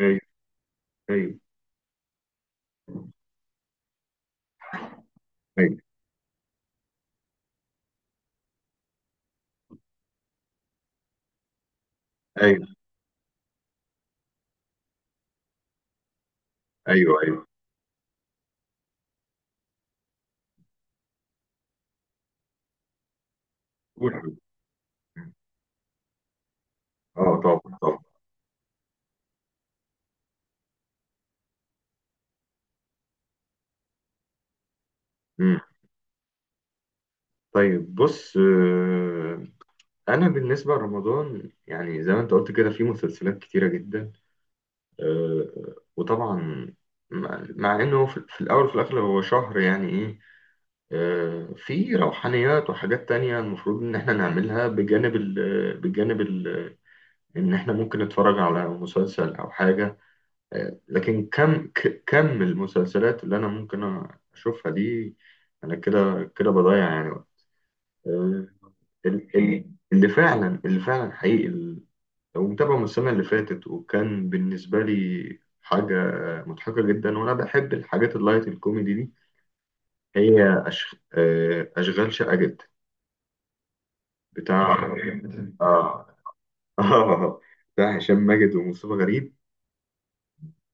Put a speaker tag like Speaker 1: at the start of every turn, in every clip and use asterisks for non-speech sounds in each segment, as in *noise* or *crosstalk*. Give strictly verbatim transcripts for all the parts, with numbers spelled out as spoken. Speaker 1: ايوه ايوه ايوه ايوه ايوه ايوه قول حبيبي. اه، طبعا طبعا. مم. طيب، بص، آه، انا بالنسبه لرمضان يعني زي ما انت قلت كده في مسلسلات كتيره جدا. آه، وطبعا مع مع انه في في الاول وفي الاخر هو شهر يعني ايه. آه، في روحانيات وحاجات تانية المفروض ان احنا نعملها بجانب ال بجانب ال ان احنا ممكن نتفرج على مسلسل او حاجه. لكن كم ك- كم المسلسلات اللي انا ممكن اشوفها دي انا كده كده بضيع يعني وقت. آه، ال- ال- اللي فعلا اللي فعلا حقيقي، ال- لو متابعه من السنه اللي فاتت، وكان بالنسبه لي حاجه مضحكه جدا، وانا بحب الحاجات اللايت الكوميدي دي. هي أش... آه، اشغال شقه جدا بتاع. اه. *laughs* اه. بتاع هشام ماجد ومصطفى غريب.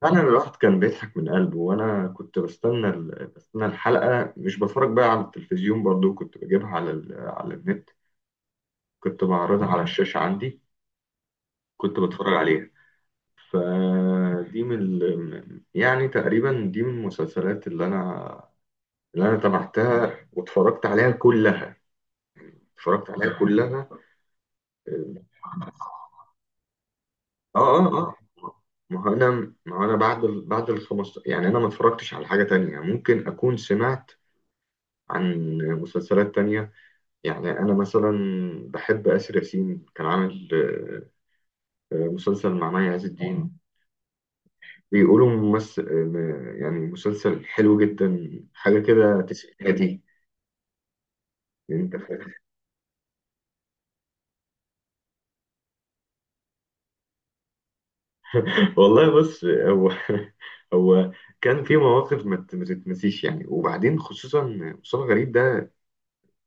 Speaker 1: فعلا الواحد كان بيضحك من قلبه، وانا كنت بستنى ال- بستنى الحلقه، مش بتفرج بقى على التلفزيون، برضو كنت بجيبها على ال... على النت، كنت بعرضها على الشاشه عندي، كنت بتفرج عليها. فدي من ال... يعني تقريبا دي من المسلسلات اللي انا اللي انا تابعتها واتفرجت عليها كلها، اتفرجت عليها كلها. اه، اه، اه. ما هو انا ما هو انا بعد ال... بعد ال خمستاشر يعني انا ما اتفرجتش على حاجه تانية، ممكن اكون سمعت عن مسلسلات تانية. يعني أنا مثلا بحب آسر ياسين، كان عامل آه، آه، مسلسل مع مي عز الدين، بيقولوا ممثل آه، يعني. مسلسل حلو جدا، حاجة كده تسعيناتي. أنت فاهم؟ *laughs* والله بص، هو *laughs* هو كان في مواقف ما ت- ما تتنسيش يعني، وبعدين خصوصا مصطفى غريب ده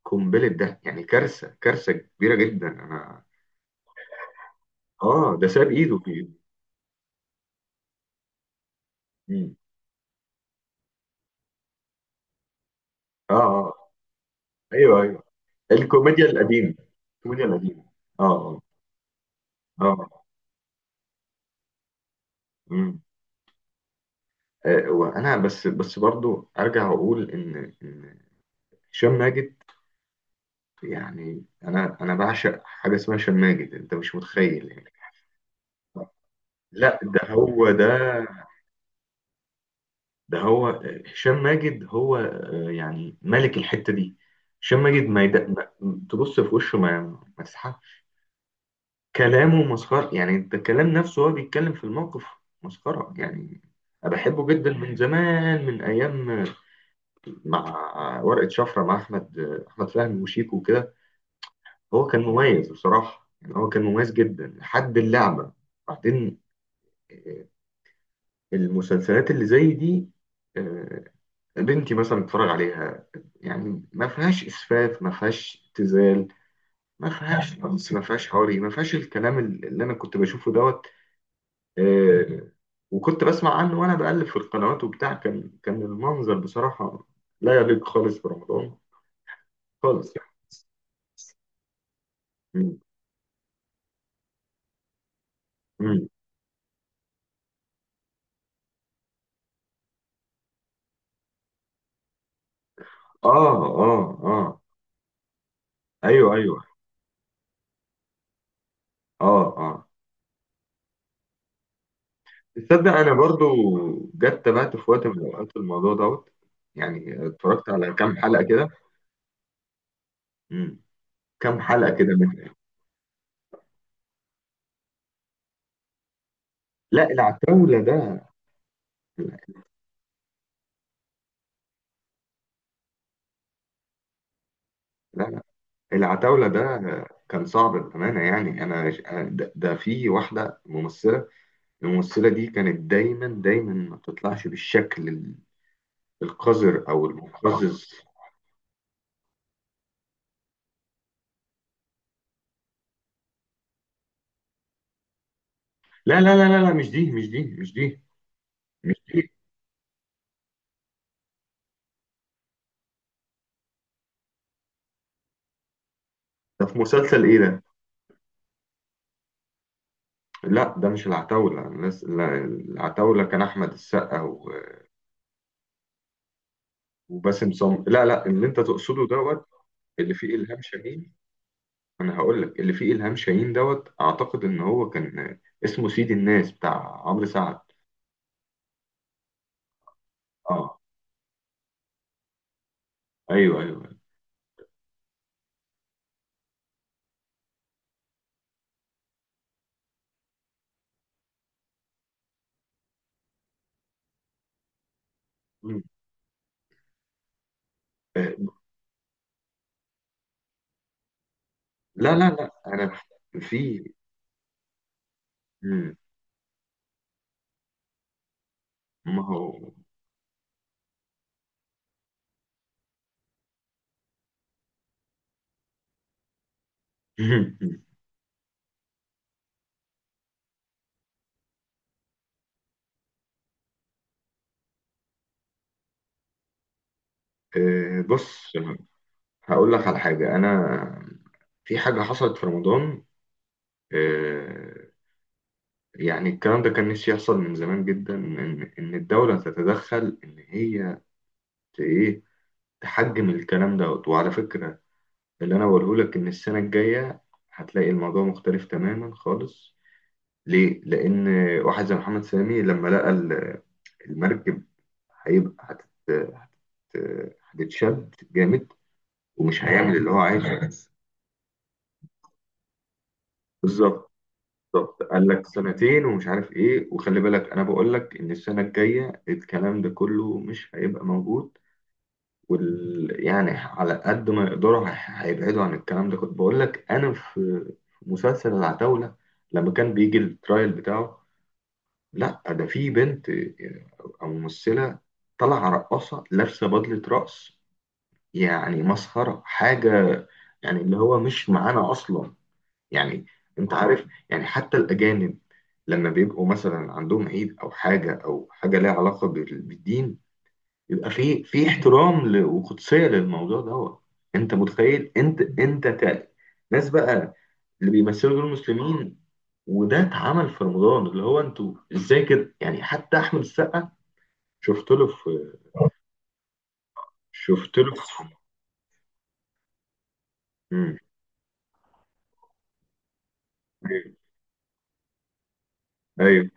Speaker 1: قنبلة، ده يعني كارثة، كارثة كبيرة جدا. أنا آه ده ساب إيده في. مم. آه، آه، أيوه، أيوه. الكوميديا القديمة. الكوميديا القديمة. آه، آه، آه. مم. آه، وانا بس بس برضو ارجع اقول ان ان هشام ماجد، يعني انا انا بعشق حاجه اسمها هشام ماجد، انت مش متخيل يعني. لا ده هو ده، ده هو آه، هشام ماجد، هو آه، يعني ملك الحته دي. هشام ماجد ما, يد... ما تبص في وشه، ما ما تسحبش كلامه مسخره، يعني انت الكلام نفسه هو بيتكلم في الموقف مسخره يعني. انا بحبه جدا من زمان، من ايام مع ورقة شفرة، مع أحمد، أحمد فهمي وشيكو وكده. هو كان مميز بصراحة، يعني هو كان مميز جدا لحد اللعبة. بعدين آه، المسلسلات اللي زي دي آه، بنتي مثلا بتتفرج عليها، يعني ما فيهاش إسفاف، ما فيهاش ابتذال، ما فيهاش نص، ما فيهاش حواري، ما فيهاش الكلام اللي أنا كنت بشوفه دوت. آه، وكنت بسمع عنه وأنا بقلب في القنوات وبتاع، كان كان المنظر بصراحة لا يليق خالص برمضان، خالص يعني. مم. اه، اه، اه. ايوه، ايوه. اه، اه. تصدق انا برضو جت تابعت في وقت من الاوقات الموضوع دوت، يعني اتفرجت على كام حلقه كده. مم. كام حلقه كده منه. لا العتاوله ده، لا لا، العتاوله ده كان صعب بامانه، يعني انا ده, ده في واحده ممثله، الممثله دي كانت دايما دايما ما بتطلعش بالشكل ال- القذر او المقزز. لا لا لا لا لا، مش دي، مش دي، مش دي، مش دي. ده في مسلسل ايه ده؟ لا ده مش العتاولة، الناس لا، العتاولة كان أحمد السقا و- وباسم سمرة، لا لا اللي أنت تقصده دوت اللي فيه إلهام شاهين. أنا هقول لك، اللي فيه إلهام شاهين دوت أعتقد إن هو كان اسمه سيد الناس بتاع عمرو سعد. أه، أيوه، أيوه. مم. آه، لا لا لا أنا بح- في. مم. ما هو *laughs* آه، بص، هقول لك على حاجة. أنا في حاجة حصلت في رمضان. آه، يعني الكلام ده كان نفسي يحصل من زمان جدا، إن إن الدولة تتدخل، إن هي ت- إيه تحجم الكلام دوت. وعلى فكرة اللي أنا بقوله لك إن السنة الجاية هتلاقي الموضوع مختلف تماما خالص. ليه؟ لأن واحد زي محمد سامي لما لقى ال- المركب هيبقى هتت- هتت- هتتشد جامد، ومش هيعمل اللي هو عايزه. *laughs* بالظبط، بالظبط. قال لك سنتين ومش عارف ايه، وخلي بالك انا بقول لك ان السنه الجايه الكلام ده كله مش هيبقى موجود. وال... يعني على قد ما يقدروا هي- هيبعدوا عن الكلام ده. كنت بقول لك، انا في في مسلسل العتاولة لما كان بيجي الترايل بتاعه، لا ده في بنت او ممثلة طالعة رقاصة لابسة بدلة رقص، يعني مسخرة حاجة. يعني اللي هو مش معانا اصلا يعني. انت عارف يعني، حتى الاجانب لما بيبقوا مثلا عندهم عيد او حاجة او حاجة ليها علاقة بال- بالدين، يبقى في في احترام ل- وقدسيه للموضوع دوت. انت متخيل؟ انت انت تق- ناس بقى اللي بيمثلوا دول المسلمين، وده اتعمل في رمضان، اللي هو انتوا ازاي كده، يعني حتى احمد السقا شفت له في، شفت له في. مم. ايوه، ايوه،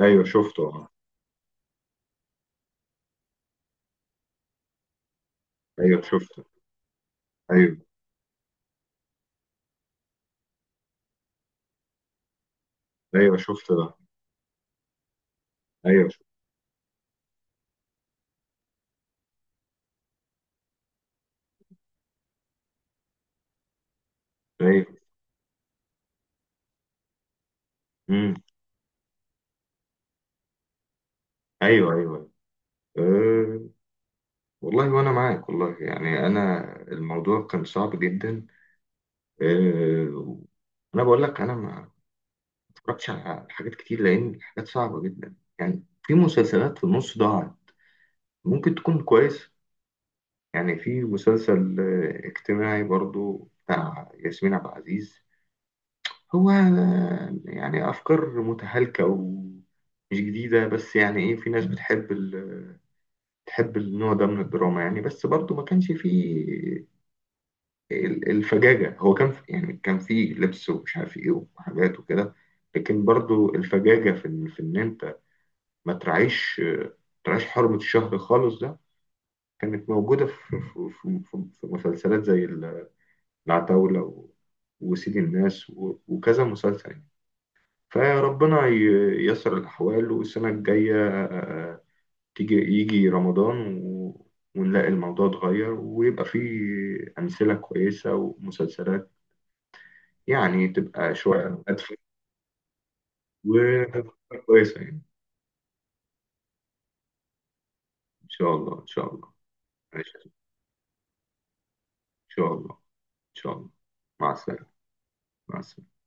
Speaker 1: أيوه، شفته اه. ايوه شفته. ايوه، ايوه شفته ده. ايوه شفته. ايوه. امم. ايوه، ايوه، أيوه. أه، والله وانا معاك والله، يعني انا الموضوع كان صعب جدا. آه، انا بقول لك، انا ما اتفرجتش على حاجات كتير، لان الحاجات صعبه جدا، يعني في مسلسلات في النص ضاعت، ممكن تكون كويس. يعني في مسلسل آه، اجتماعي برضو بتاع ياسمين عبد العزيز، هو آه، يعني افكار متهالكه ومش جديده، بس يعني ايه، في ناس بتحب ال... بتحب النوع ده من الدراما يعني. بس برضو ما كانش فيه ال- الفجاجة، هو كان في يعني كان في لبس ومش عارف ايه وحاجات وكده، لكن برضو الفجاجة في ان في ان انت ما تراعيش ما تراعيش حرمة الشهر خالص ده، كانت موجودة في في في, في في مسلسلات زي ال- العتاولة و- وسيد الناس و- وكذا مسلسل يعني. فربنا ي- ييسر الأحوال، والسنة الجاية آه، تيجي يجي رمضان و- ونلاقي الموضوع اتغير، ويبقى فيه أمثلة كويسة ومسلسلات يعني، تبقى شوية آه، هادفة وكويسة يعني. إن شاء الله، إن شاء الله. ماشي، إن شاء الله. إن شاء الله. مع السلامة. مع السلامة.